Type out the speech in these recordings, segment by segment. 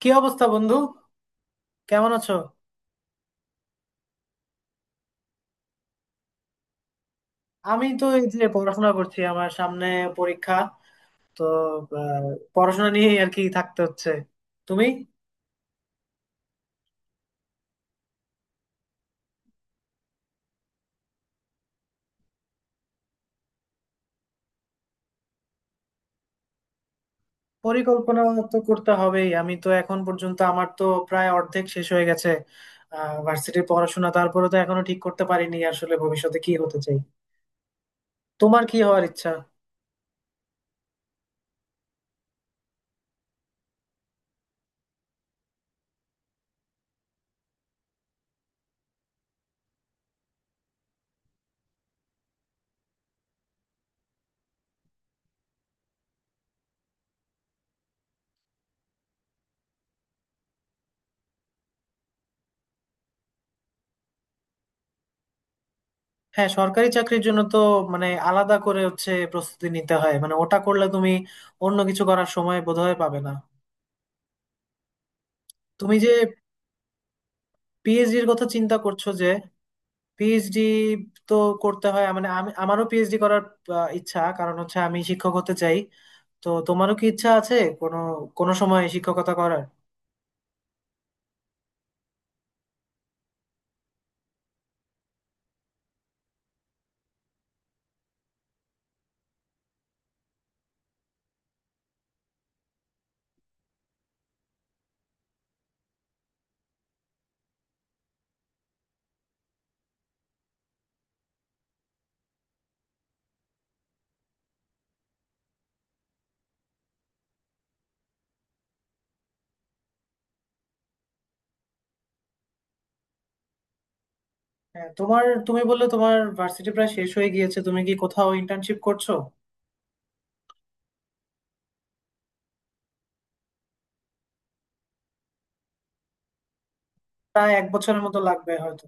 কি অবস্থা, বন্ধু? কেমন আছো? আমি তো এই যে পড়াশোনা করছি, আমার সামনে পরীক্ষা। তো আহ, পড়াশোনা নিয়েই আর কি থাকতে হচ্ছে। তুমি? পরিকল্পনা তো করতে হবেই। আমি তো এখন পর্যন্ত আমার তো প্রায় অর্ধেক শেষ হয়ে গেছে ভার্সিটির পড়াশোনা। তারপরে তো এখনো ঠিক করতে পারিনি আসলে ভবিষ্যতে কি হতে চাই। তোমার কি হওয়ার ইচ্ছা? হ্যাঁ, সরকারি চাকরির জন্য তো মানে আলাদা করে হচ্ছে প্রস্তুতি নিতে হয়, মানে ওটা করলে তুমি অন্য কিছু করার সময় বোধহয় পাবে না। তুমি যে পিএইচডির কথা চিন্তা করছো, যে পিএইচডি তো করতে হয়, মানে আমি আমারও পিএইচডি করার ইচ্ছা। কারণ হচ্ছে আমি শিক্ষক হতে চাই। তো তোমারও কি ইচ্ছা আছে কোনো কোনো সময় শিক্ষকতা করার? হ্যাঁ, তোমার তুমি বললে তোমার ভার্সিটি প্রায় শেষ হয়ে গিয়েছে, তুমি কি কোথাও ইন্টার্নশিপ করছো? প্রায় এক বছরের মতো লাগবে হয়তো।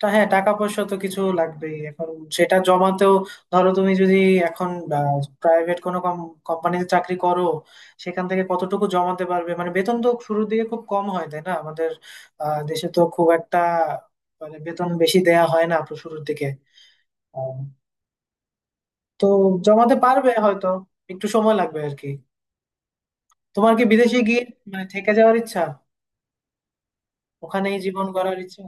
তা হ্যাঁ, টাকা পয়সা তো কিছু লাগবেই এখন, সেটা জমাতেও। ধরো তুমি যদি এখন প্রাইভেট কোনো কোম্পানিতে চাকরি করো, সেখান থেকে কতটুকু জমাতে পারবে? মানে বেতন তো শুরুর দিকে খুব কম হয় তাই না আমাদের দেশে। তো খুব একটা মানে বেতন বেশি দেয়া হয় না তো শুরুর দিকে। আহ, তো জমাতে পারবে হয়তো, একটু সময় লাগবে আর কি। তোমার কি বিদেশে গিয়ে মানে থেকে যাওয়ার ইচ্ছা, ওখানেই জীবন গড়ার ইচ্ছা?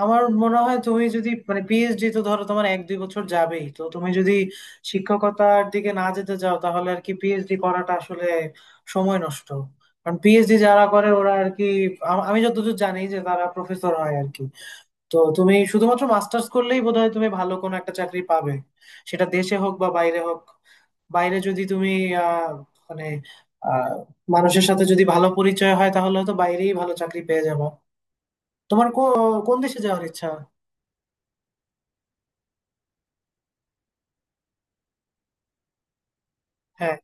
আমার মনে হয় তুমি যদি মানে পিএইচডি তো ধরো তোমার এক দুই বছর যাবেই, তো তুমি যদি শিক্ষকতার দিকে না যেতে চাও তাহলে আর কি পিএইচডি করাটা আসলে সময় নষ্ট। কারণ পিএইচডি যারা করে ওরা আর কি, আমি যতদূর জানি যে তারা প্রফেসর হয় আর কি। তো তুমি শুধুমাত্র মাস্টার্স করলেই বোধহয় তুমি ভালো কোনো একটা চাকরি পাবে, সেটা দেশে হোক বা বাইরে হোক। বাইরে যদি তুমি আহ মানে আহ মানুষের সাথে যদি ভালো পরিচয় হয় তাহলে তো বাইরেই ভালো চাকরি পেয়ে যাবা। তোমার কোন দেশে যাওয়ার ইচ্ছা? হ্যাঁ,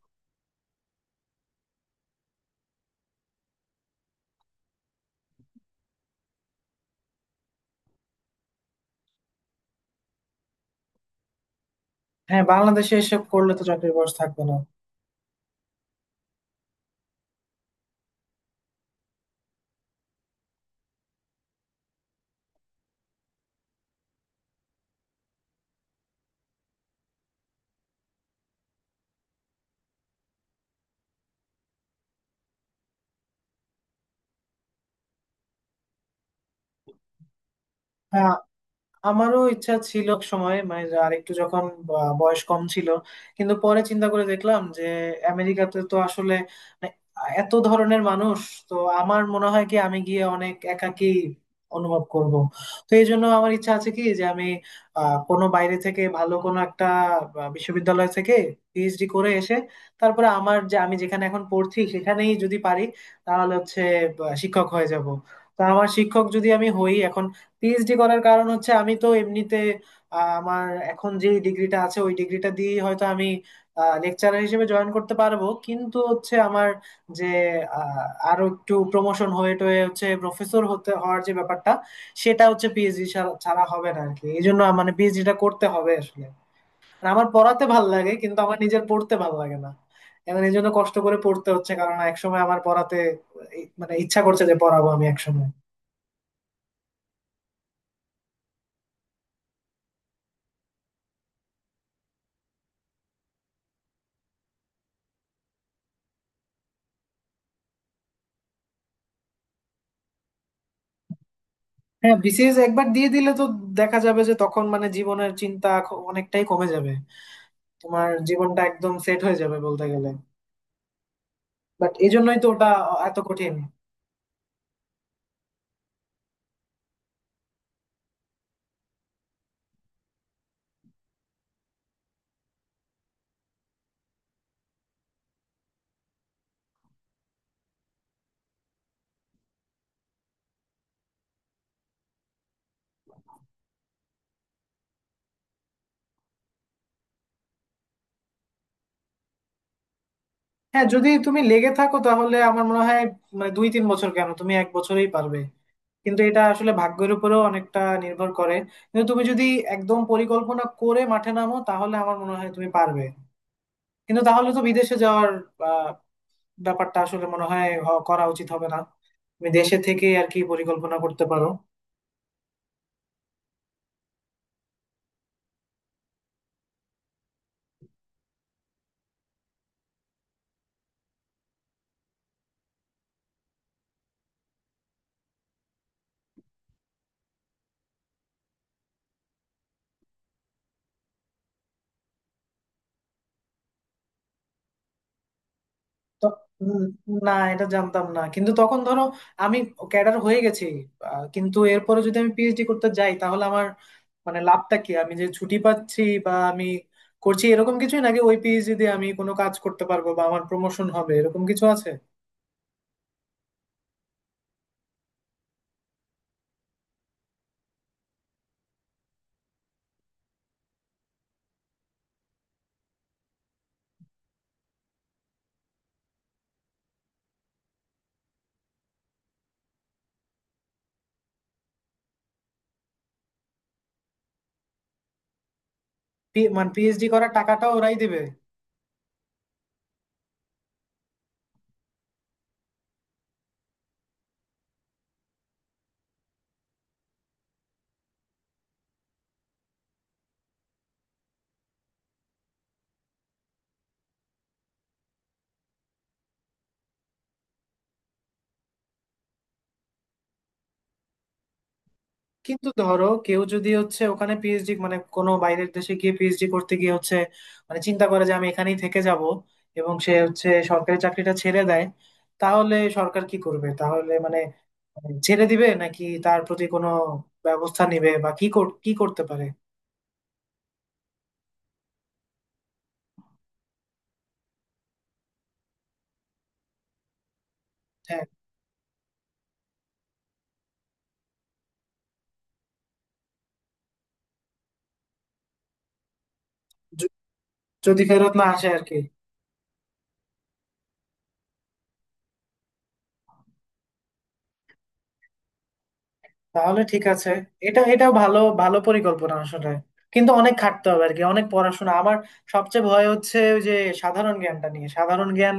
হ্যাঁ, বাংলাদেশে এসব করলে তো চাকরির বয়স থাকবে না। হ্যাঁ, আমারও ইচ্ছা ছিল এক সময়, মানে আর একটু যখন বয়স কম ছিল। কিন্তু পরে চিন্তা করে দেখলাম যে আমেরিকাতে তো আসলে মানে এত ধরনের মানুষ, তো আমার মনে হয় কি আমি গিয়ে অনেক একাকী অনুভব করব। তো এই জন্য আমার ইচ্ছা আছে কি যে আমি কোনো বাইরে থেকে ভালো কোনো একটা বিশ্ববিদ্যালয় থেকে পিএইচডি করে এসে, তারপরে আমার যে আমি যেখানে এখন পড়ছি সেখানেই যদি পারি, তাহলে হচ্ছে শিক্ষক হয়ে যাব। তো আমার শিক্ষক যদি আমি হই এখন, পিএইচডি করার কারণ হচ্ছে আমি তো এমনিতে আমার এখন যে ডিগ্রিটা আছে ওই ডিগ্রিটা দিয়ে হয়তো আমি লেকচারার হিসেবে জয়েন করতে পারবো, কিন্তু হচ্ছে আমার যে আহ, আরো একটু প্রমোশন হয়ে টয়ে হচ্ছে প্রফেসর হতে হওয়ার যে ব্যাপারটা, সেটা হচ্ছে পিএইচডি ছাড়া হবে না আর কি। এই জন্য মানে পিএইচডিটা করতে হবে আসলে। আর আমার পড়াতে ভাল লাগে, কিন্তু আমার নিজের পড়তে ভাল লাগে না। এখন এই জন্য কষ্ট করে পড়তে হচ্ছে কারণ একসময় আমার পড়াতে মানে ইচ্ছা করছে যে পড়াবো আমি একসময়। হ্যাঁ, বিসিএস একবার দিয়ে দিলে তো দেখা যাবে যে তখন মানে জীবনের চিন্তা অনেকটাই কমে যাবে, তোমার জীবনটা একদম সেট হয়ে যাবে বলতে গেলে। বাট এই জন্যই তো ওটা এত কঠিন। হ্যাঁ, যদি তুমি লেগে থাকো তাহলে আমার মনে হয় মানে 2 3 বছর কেন, তুমি এক বছরেই পারবে। কিন্তু এটা আসলে ভাগ্যের উপরেও অনেকটা নির্ভর করে। কিন্তু তুমি যদি একদম পরিকল্পনা করে মাঠে নামো তাহলে আমার মনে হয় তুমি পারবে। কিন্তু তাহলে তো বিদেশে যাওয়ার আহ, ব্যাপারটা আসলে মনে হয় করা উচিত হবে না। তুমি দেশে থেকে আর কি পরিকল্পনা করতে পারো। তো উম, না এটা জানতাম না, কিন্তু তখন ধরো আমি ক্যাডার হয়ে গেছি কিন্তু এরপরে যদি আমি পিএইচডি করতে যাই তাহলে আমার মানে লাভটা কি? আমি যে ছুটি পাচ্ছি বা আমি করছি এরকম কিছুই, নাকি ওই পিএইচডি দিয়ে আমি কোনো কাজ করতে পারবো বা আমার প্রমোশন হবে এরকম কিছু আছে? মানে পিএইচডি করার টাকাটা ওরাই দিবে? কিন্তু ধরো কেউ যদি হচ্ছে ওখানে পিএইচডি মানে কোনো বাইরের দেশে গিয়ে পিএইচডি করতে গিয়ে হচ্ছে মানে চিন্তা করে যে আমি এখানেই থেকে যাব, এবং সে হচ্ছে সরকারি চাকরিটা ছেড়ে দেয়, তাহলে সরকার কি করবে? তাহলে মানে ছেড়ে দিবে, নাকি তার প্রতি কোনো ব্যবস্থা নিবে, বা কি কি করতে পারে? হ্যাঁ, য- যদি ফেরত না আসে আর কি। তাহলে ঠিক আছে। এটা এটা ভালো ভালো পরিকল্পনা আসলে, কিন্তু অনেক খাটতে হবে আর কি, অনেক পড়াশোনা। আমার সবচেয়ে ভয় হচ্ছে ওই যে সাধারণ জ্ঞানটা নিয়ে। সাধারণ জ্ঞান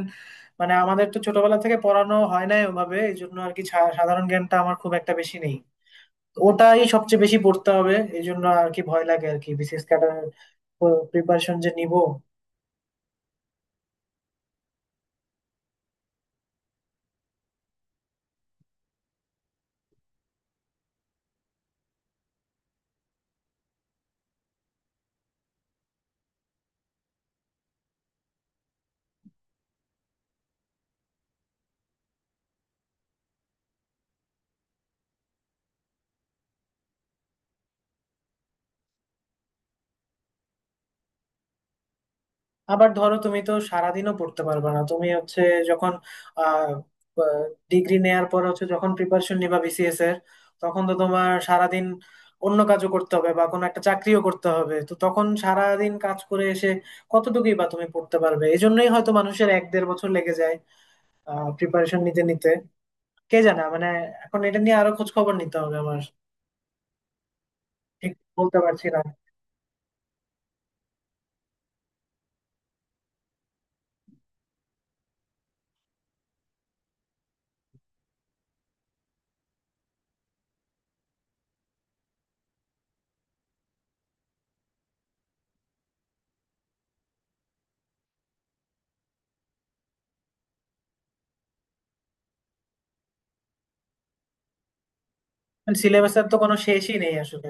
মানে আমাদের তো ছোটবেলা থেকে পড়ানো হয় নাই ওভাবে, এই জন্য আর কি সাধারণ জ্ঞানটা আমার খুব একটা বেশি নেই। ওটাই সবচেয়ে বেশি পড়তে হবে, এই জন্য আর কি ভয় লাগে আর কি বিসিএস ক্যাডার প্রিপারেশন যে নিব। আবার ধরো তুমি তো সারাদিনও পড়তে পারবে না। তুমি হচ্ছে যখন আহ ডিগ্রি নেয়ার পর হচ্ছে যখন প্রিপারেশন নিবা বিসিএস এর, তখন তো তোমার সারাদিন অন্য কাজও করতে হবে বা কোনো একটা চাকরিও করতে হবে। তো তখন সারাদিন কাজ করে এসে কতটুকুই বা তুমি পড়তে পারবে? এই জন্যই হয়তো মানুষের 1 দেড় বছর লেগে যায় প্রিপারেশন নিতে নিতে। কে জানে মানে এখন এটা নিয়ে আরো খোঁজ খবর নিতে হবে আমার। ঠিক বলতে পারছি না। সিলেবাসের তো কোনো শেষই নেই আসলে।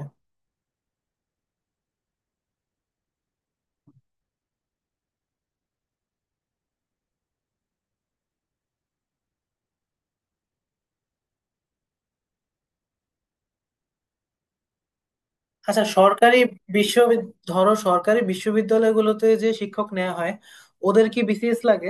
আচ্ছা, সরকারি বিশ্ববিদ্যালয় ধরো, সরকারি বিশ্ববিদ্যালয়গুলোতে যে শিক্ষক নেওয়া হয় ওদের কি বিসিএস লাগে?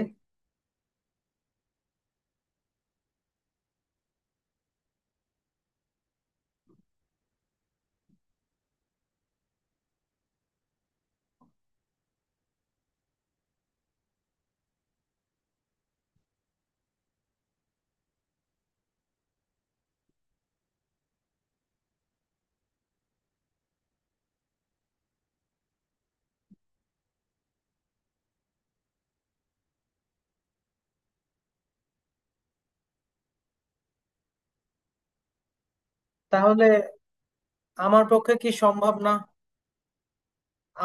তাহলে আমার পক্ষে কি সম্ভব না?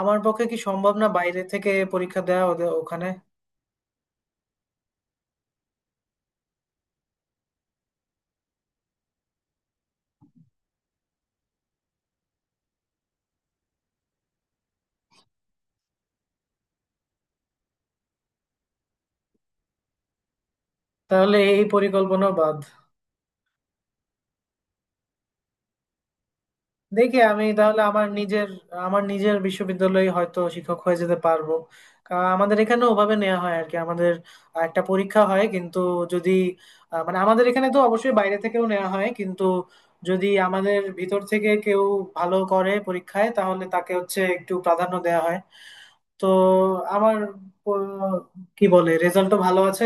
আমার পক্ষে কি সম্ভব না বাইরে থেকে পরীক্ষা দেওয়া ওদের ওখানে? তাহলে এই পরিকল্পনা বাদ। দেখি আমি তাহলে আমার নিজের বিশ্ববিদ্যালয়ে হয়তো শিক্ষক হয়ে যেতে পারবো। কারণ আমাদের এখানে ওভাবে নেওয়া হয় আর কি, আমাদের একটা পরীক্ষা হয় কিন্তু। যদি মানে আমাদের এখানে তো অবশ্যই বাইরে থেকেও নেওয়া হয়, কিন্তু যদি আমাদের ভিতর থেকে কেউ ভালো করে পরীক্ষায় তাহলে তাকে হচ্ছে একটু প্রাধান্য দেওয়া হয়। তো আমার আহ, কি বলে, রেজাল্টও ভালো আছে।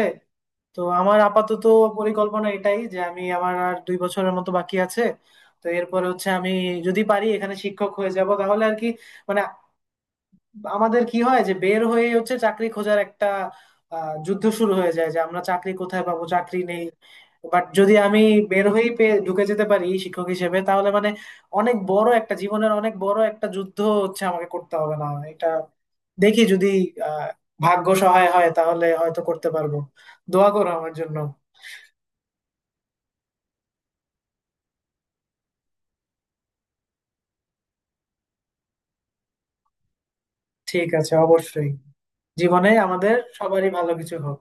তো আমার আপাতত পরিকল্পনা এটাই যে আমি আমার আর 2 বছরের মতো বাকি আছে। তো এরপরে হচ্ছে আমি যদি পারি এখানে শিক্ষক হয়ে যাব তাহলে আর কি, মানে আমাদের কি হয় যে বের হয়ে হচ্ছে চাকরি খোঁজার একটা যুদ্ধ শুরু হয়ে যায় যে আমরা চাকরি কোথায় পাবো, চাকরি নেই। বাট যদি আমি বের হয়েই পেয়ে ঢুকে যেতে পারি শিক্ষক হিসেবে তাহলে মানে অনেক বড় একটা জীবনের, অনেক বড় একটা যুদ্ধ হচ্ছে আমাকে করতে হবে না এটা। দেখি যদি আহ ভাগ্য সহায় হয় তাহলে হয়তো করতে পারবো। দোয়া করো আমার জন্য। ঠিক আছে, অবশ্যই। জীবনে আমাদের সবারই ভালো কিছু হোক।